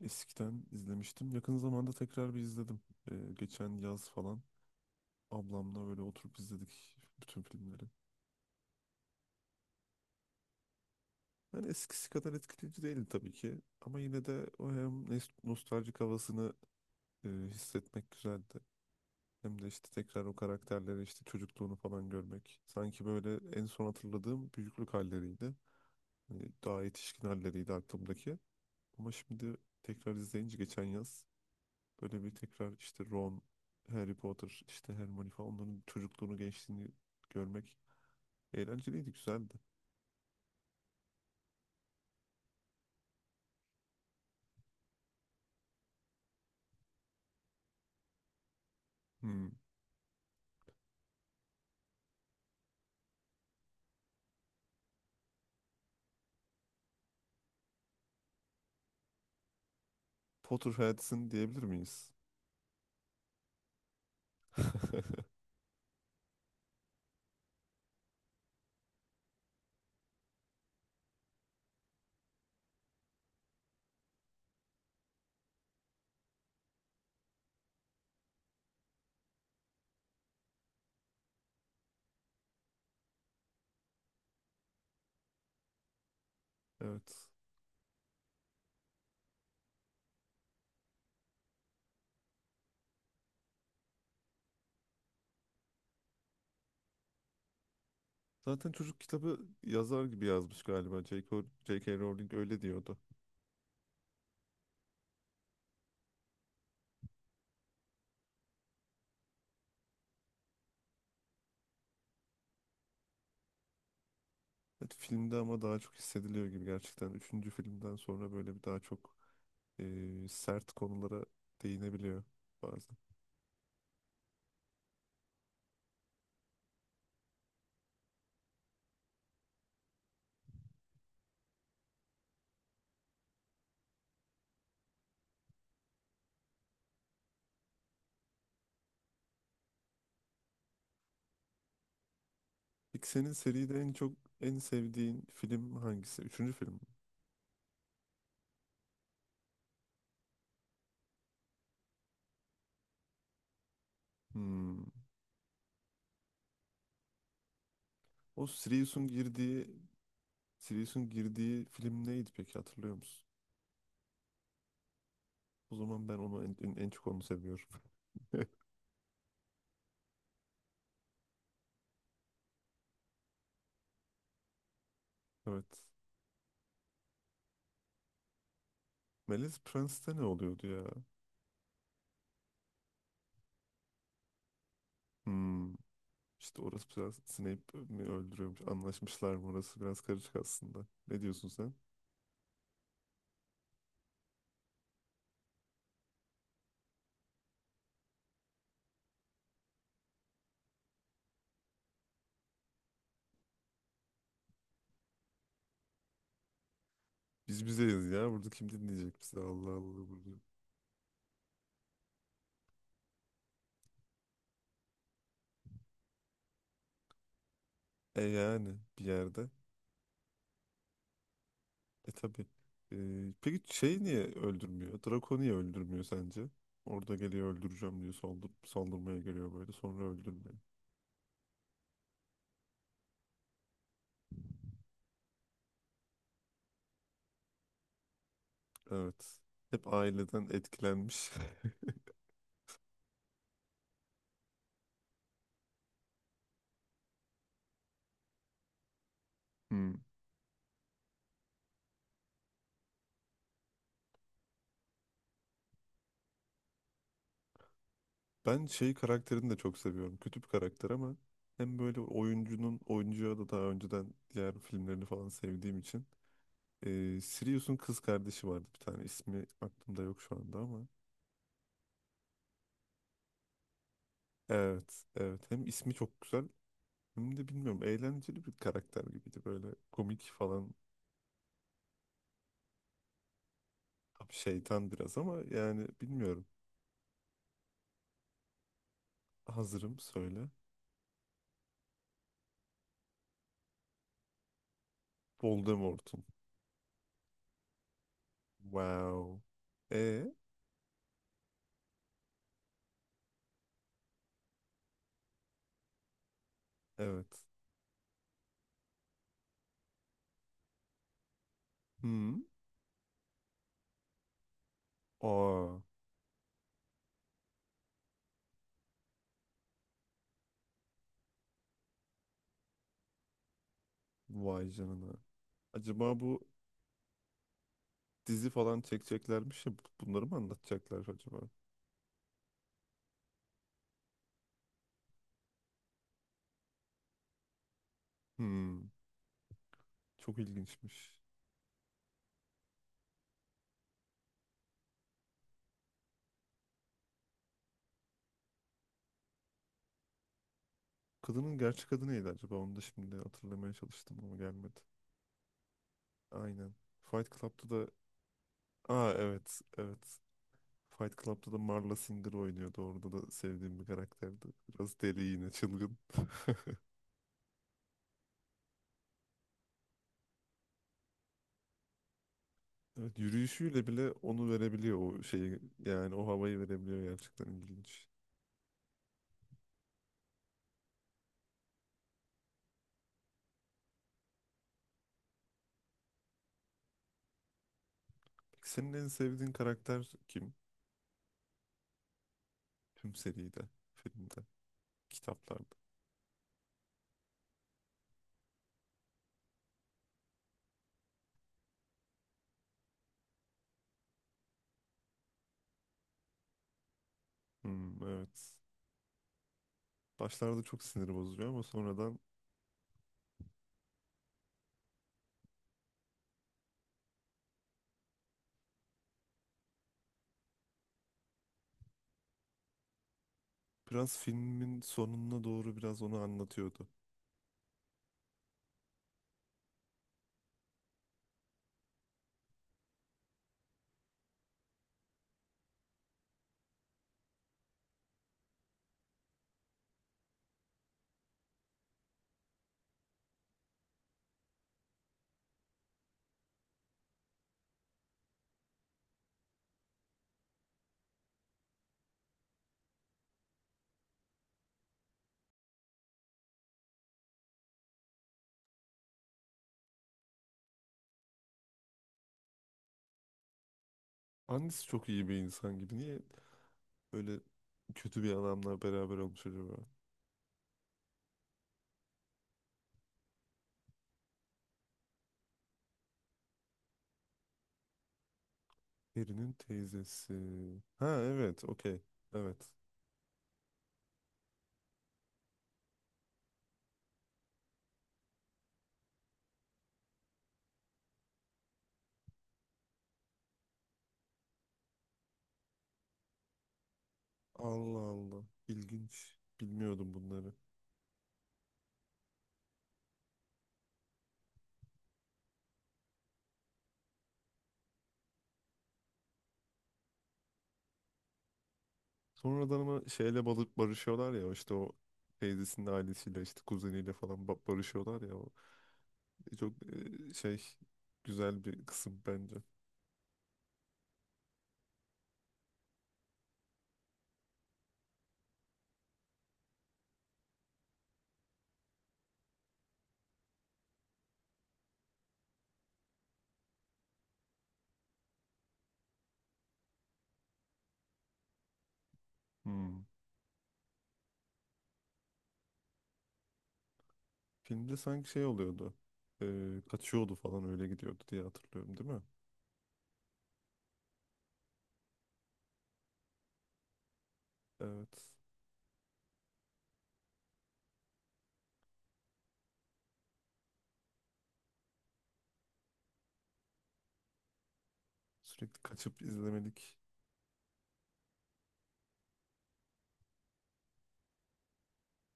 Eskiden izlemiştim. Yakın zamanda tekrar bir izledim. Geçen yaz falan ablamla böyle oturup izledik bütün filmleri. Yani eskisi kadar etkileyici değildi tabii ki. Ama yine de o hem nostaljik havasını hissetmek güzeldi. Hem de işte tekrar o karakterleri işte çocukluğunu falan görmek. Sanki böyle en son hatırladığım büyüklük halleriydi. Hani daha yetişkin halleriydi aklımdaki. Ama şimdi tekrar izleyince geçen yaz böyle bir tekrar işte Ron, Harry Potter, işte Hermione falan onların çocukluğunu, gençliğini görmek eğlenceliydi, güzeldi. Hmm. Potterheads'in diyebilir miyiz? Evet. Zaten çocuk kitabı yazar gibi yazmış galiba. J.K. Rowling öyle diyordu. Evet, filmde ama daha çok hissediliyor gibi gerçekten. Üçüncü filmden sonra böyle bir daha çok sert konulara değinebiliyor bazen. Peki senin seride en çok en sevdiğin film hangisi? Üçüncü film mi? Hmm. O Sirius'un girdiği Sirius'un girdiği film neydi peki hatırlıyor musun? O zaman ben onu en, en, en çok onu seviyorum. Evet. Melis Prence'te ne oluyordu ya? Hmm. İşte orası biraz Snape mi öldürüyormuş? Anlaşmışlar mı? Orası biraz karışık aslında. Ne diyorsun sen? Biz bizeyiz ya. Burada kim dinleyecek bizi? Allah Allah burada. E yani bir yerde. E tabii. E, peki şey niye öldürmüyor? Draco niye öldürmüyor sence? Orada geliyor öldüreceğim diyor. Saldır, saldırmaya geliyor böyle. Sonra öldürmüyor. Evet. Hep aileden etkilenmiş. Hmm. Ben şey karakterini de çok seviyorum. Kötü bir karakter ama hem böyle oyuncunun oyuncuya da daha önceden diğer filmlerini falan sevdiğim için. Sirius'un kız kardeşi vardı bir tane. İsmi aklımda yok şu anda ama. Evet, evet. Hem ismi çok güzel hem de bilmiyorum eğlenceli bir karakter gibiydi. Böyle komik falan. Tabii şeytan biraz ama yani bilmiyorum. Hazırım söyle. Voldemort'un. Wow. E evet. Hı. Aa, vay canına. Acaba bu dizi falan çekeceklermiş ya bunları mı anlatacaklar acaba? Hmm, çok ilginçmiş. Kadının gerçek adı neydi acaba? Onu da şimdi hatırlamaya çalıştım ama gelmedi. Aynen. Fight Club'da da aa evet, evet. Fight Club'da da Marla Singer oynuyordu. Orada da sevdiğim bir karakterdi. Biraz deli yine, çılgın. Evet, yürüyüşüyle bile onu verebiliyor o şeyi. Yani o havayı verebiliyor gerçekten ilginç. Peki senin en sevdiğin karakter kim? Tüm seride, filmde, kitaplarda. Hmm, evet. Başlarda çok sinir bozucu ama sonradan biraz filmin sonuna doğru biraz onu anlatıyordu. Annesi çok iyi bir insan gibi. Niye böyle kötü bir adamla beraber olmuş acaba? Perinin teyzesi. Ha evet, okey. Evet. Allah Allah. İlginç. Bilmiyordum bunları. Sonradan ama şeyle balık barışıyorlar ya işte o teyzesinin ailesiyle işte kuzeniyle falan barışıyorlar ya. Çok güzel bir kısım bence. Hmm. Filmde sanki şey oluyordu. E, Kaçıyordu falan öyle gidiyordu diye hatırlıyorum değil mi? Evet. Sürekli kaçıp izlemelik.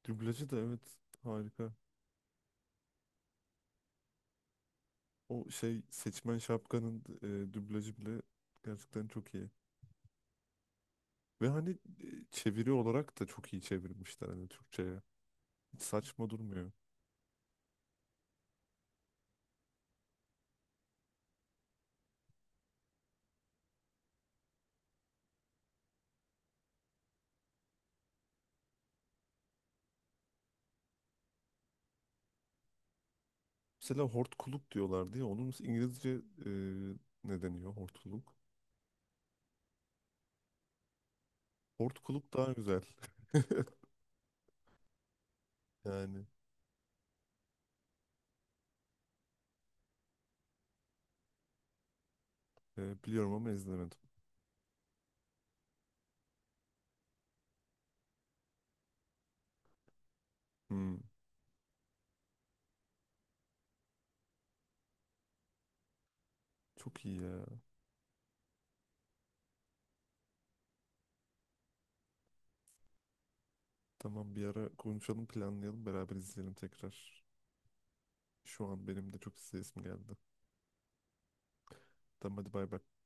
Dublajı da evet harika. O şey seçmen şapkanın dublajı bile gerçekten çok iyi. Ve hani çeviri olarak da çok iyi çevirmişler hani Türkçe'ye. Hiç saçma durmuyor. Mesela hortkuluk diyorlar diye onun İngilizce e, ne deniyor hortkuluk? Hortkuluk daha güzel. Yani biliyorum ama izlemedim. Hmm, çok iyi ya. Tamam bir ara konuşalım planlayalım beraber izleyelim tekrar. Şu an benim de çok izleyesim geldi. Tamam hadi bay bay.